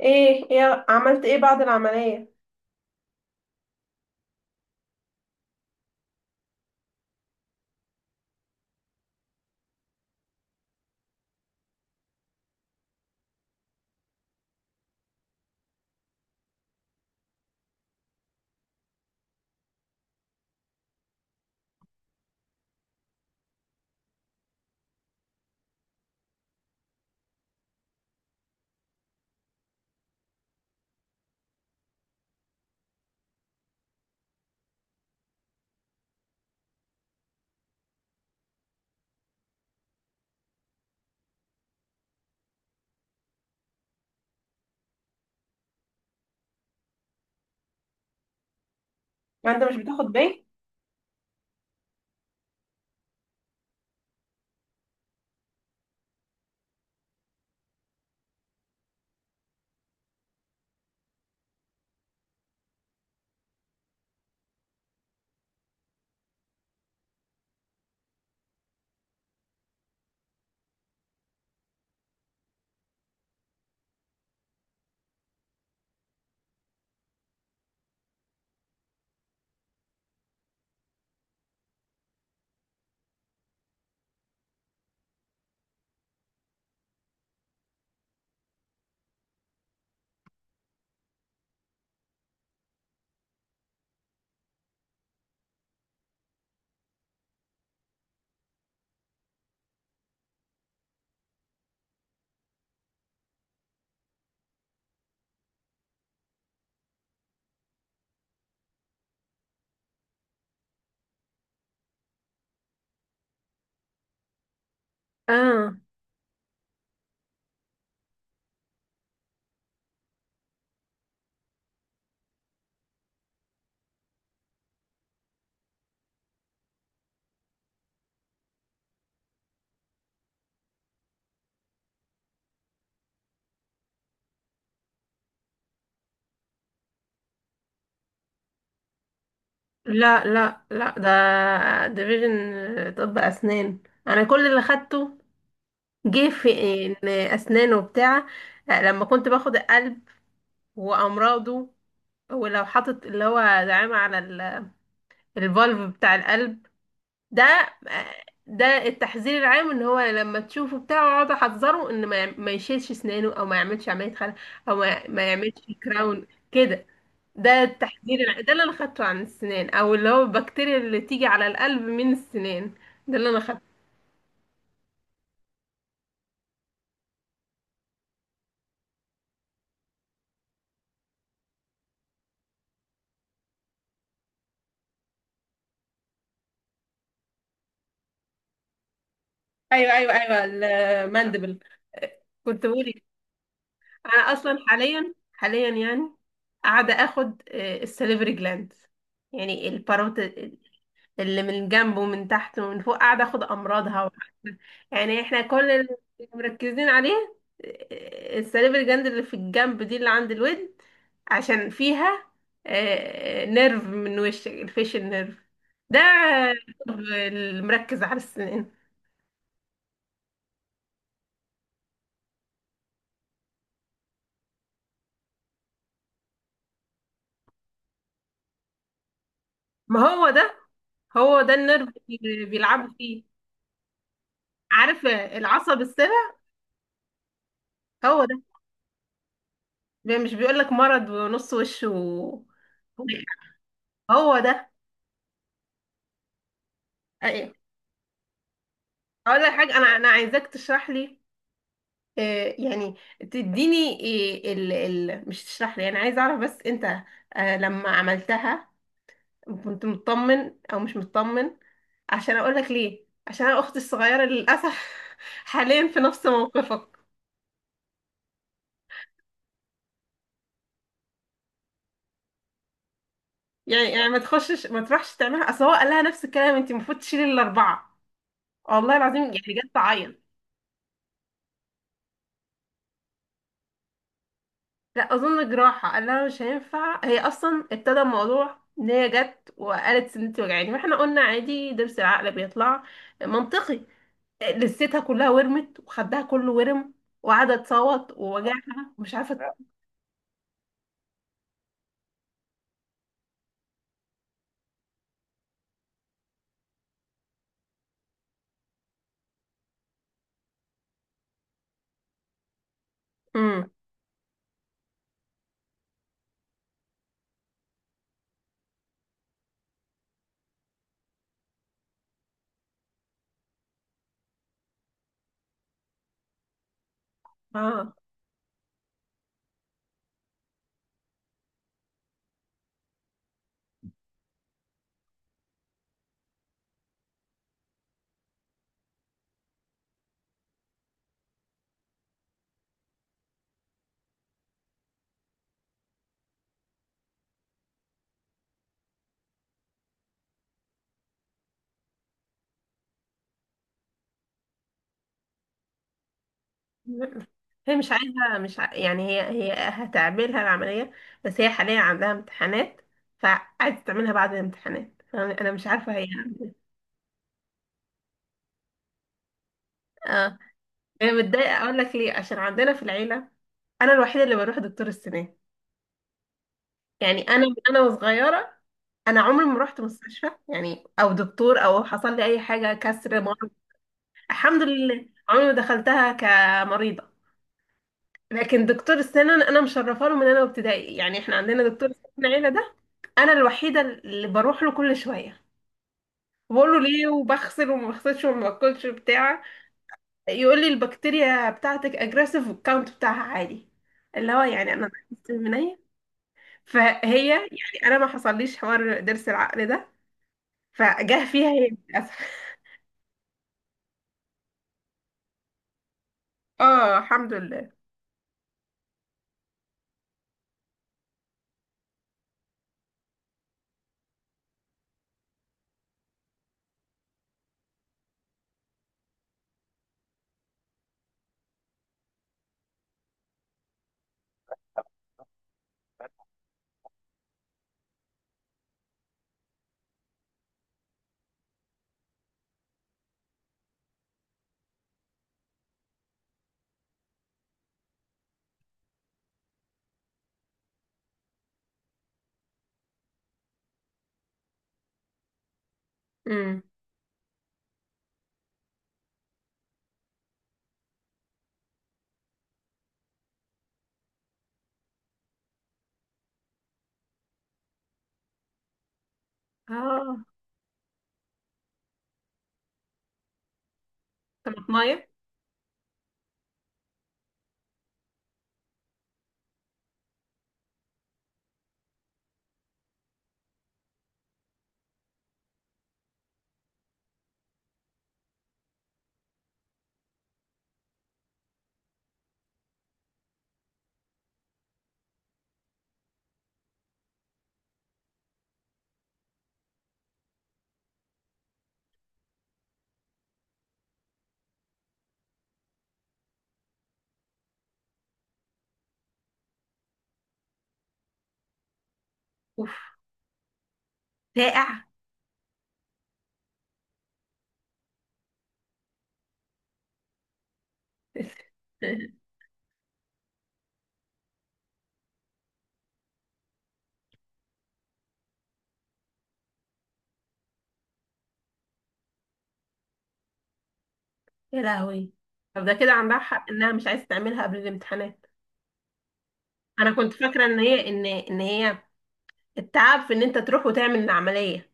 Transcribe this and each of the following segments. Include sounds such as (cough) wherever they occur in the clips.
ايه ايه، عملت ايه بعد العملية؟ ما انت مش بتاخد بيه. اه، لا لا لا، ده ديفيجن طب اسنان. انا كل اللي خدته جه في إن اسنان وبتاع. آه، لما كنت باخد القلب وامراضه، ولو حاطط اللي هو دعامة على الفالف بتاع القلب ده، ده التحذير العام. ان هو لما تشوفه بتاعه اقعد احذره ان ما يشيلش اسنانه، او ما يعملش عملية خلع، او ما يعملش كراون كده. ده ده اللي انا خدته عن السنان، او اللي هو البكتيريا اللي تيجي على القلب من السنان. ده اللي انا خدته. ايوه ايوه ايوه، الماندبل، كنت بقولي. انا اصلا حاليا يعني قاعده اخد السليفري جلاند، يعني الباروت، اللي من جنب ومن تحت ومن فوق، قاعدة اخد امراضها يعني احنا كل اللي مركزين عليه. آه، السليب الجند اللي في الجنب دي اللي عند الودن، عشان فيها آه، نيرف من وشك، الفيشل نيرف ده. الطب اللي مركز على السنان. ما هو ده، هو ده النيرف اللي بيلعبوا فيه. عارف العصب السابع؟ هو ده. مش بيقولك مرض ونص وش و... هو ده. أيوة. اقول لك حاجه، انا عايزاك تشرح لي، آه، يعني تديني، آه، ال مش تشرح لي، انا عايز اعرف بس انت، آه، لما عملتها كنت مطمن او مش مطمن؟ عشان اقول لك ليه، عشان انا اختي الصغيره للاسف (laughs) حاليا في نفس موقفك. يعني ما تخشش، ما تروحش تعملها، اصل هو قال لها نفس الكلام، انت المفروض تشيلي الاربعه، والله العظيم، يعني جت تعيط. لا اظن جراحه، قال لها مش هينفع. هي اصلا ابتدى الموضوع ان هي جت وقالت سنتي وجعاني، واحنا قلنا عادي، ضرس العقل بيطلع، منطقي. لستها كلها ورمت، وخدها كله ورم، وقعدت تصوت ووجعها ومش عارفه. امم. اه، هي مش عايزه مش ع... يعني هي هتعملها العمليه، بس هي حاليا عندها امتحانات، فعايزه تعملها بعد الامتحانات، فانا أنا مش عارفه هي. اه، هي متضايقه. اقول لك ليه، عشان عندنا في العيله انا الوحيده اللي بروح دكتور السنان. يعني انا من انا وصغيره، انا عمري ما رحت مستشفى، يعني او دكتور، او حصل لي اي حاجه، كسر، مرض. الحمد لله عمري ما دخلتها كمريضه. لكن دكتور السنان انا مشرفه له من انا وابتدائي. يعني احنا عندنا دكتور السنان العيله ده، انا الوحيده اللي بروح له كل شويه. بقول له ليه، وبغسل وما بغسلش، وما باكلش بتاع. يقول لي البكتيريا بتاعتك اجريسيف، والكاونت بتاعها عالي، اللي هو يعني انا بحس من أيه؟ فهي يعني، انا ما حصليش حوار ضرس العقل ده، فجه فيها هي للأسف (laughs) اه الحمد لله. امم. اه. طماطمايه. اوف. ساقع. (laughs) يا لهوي. طب ده كده عندها حق انها مش عايزه تعملها قبل الامتحانات. انا كنت فاكره ان هي التعب في ان انت تروح وتعمل العمليه.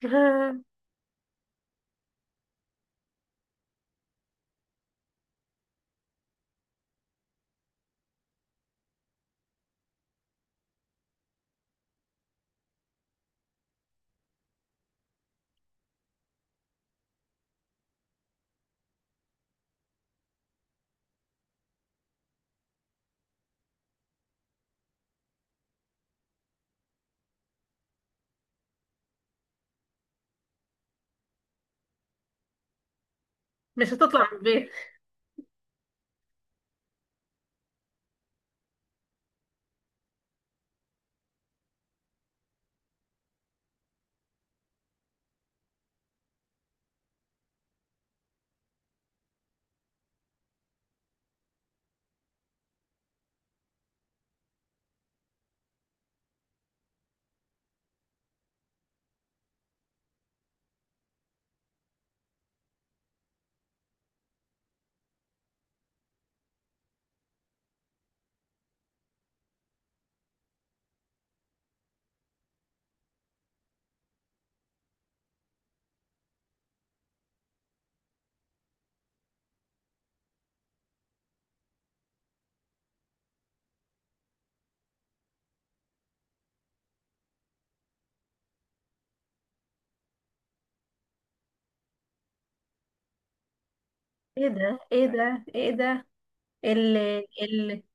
(laughs) مش هتطلع من البيت. ايه ده ال-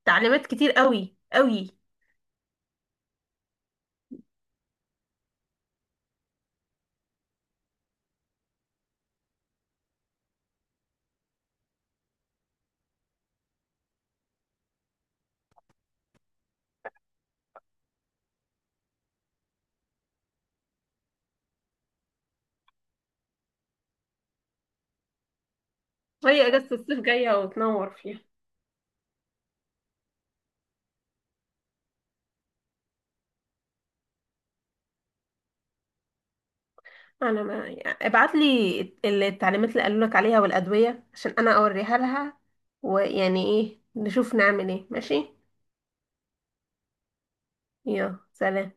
التعليمات كتير قوي قوي. هي اجازه الصيف جايه وتنور فيها. انا، ما يعني ابعت لي التعليمات اللي قالوا لك عليها والادويه عشان انا اوريها لها، ويعني ايه نشوف نعمل ايه، ماشي؟ يلا سلام.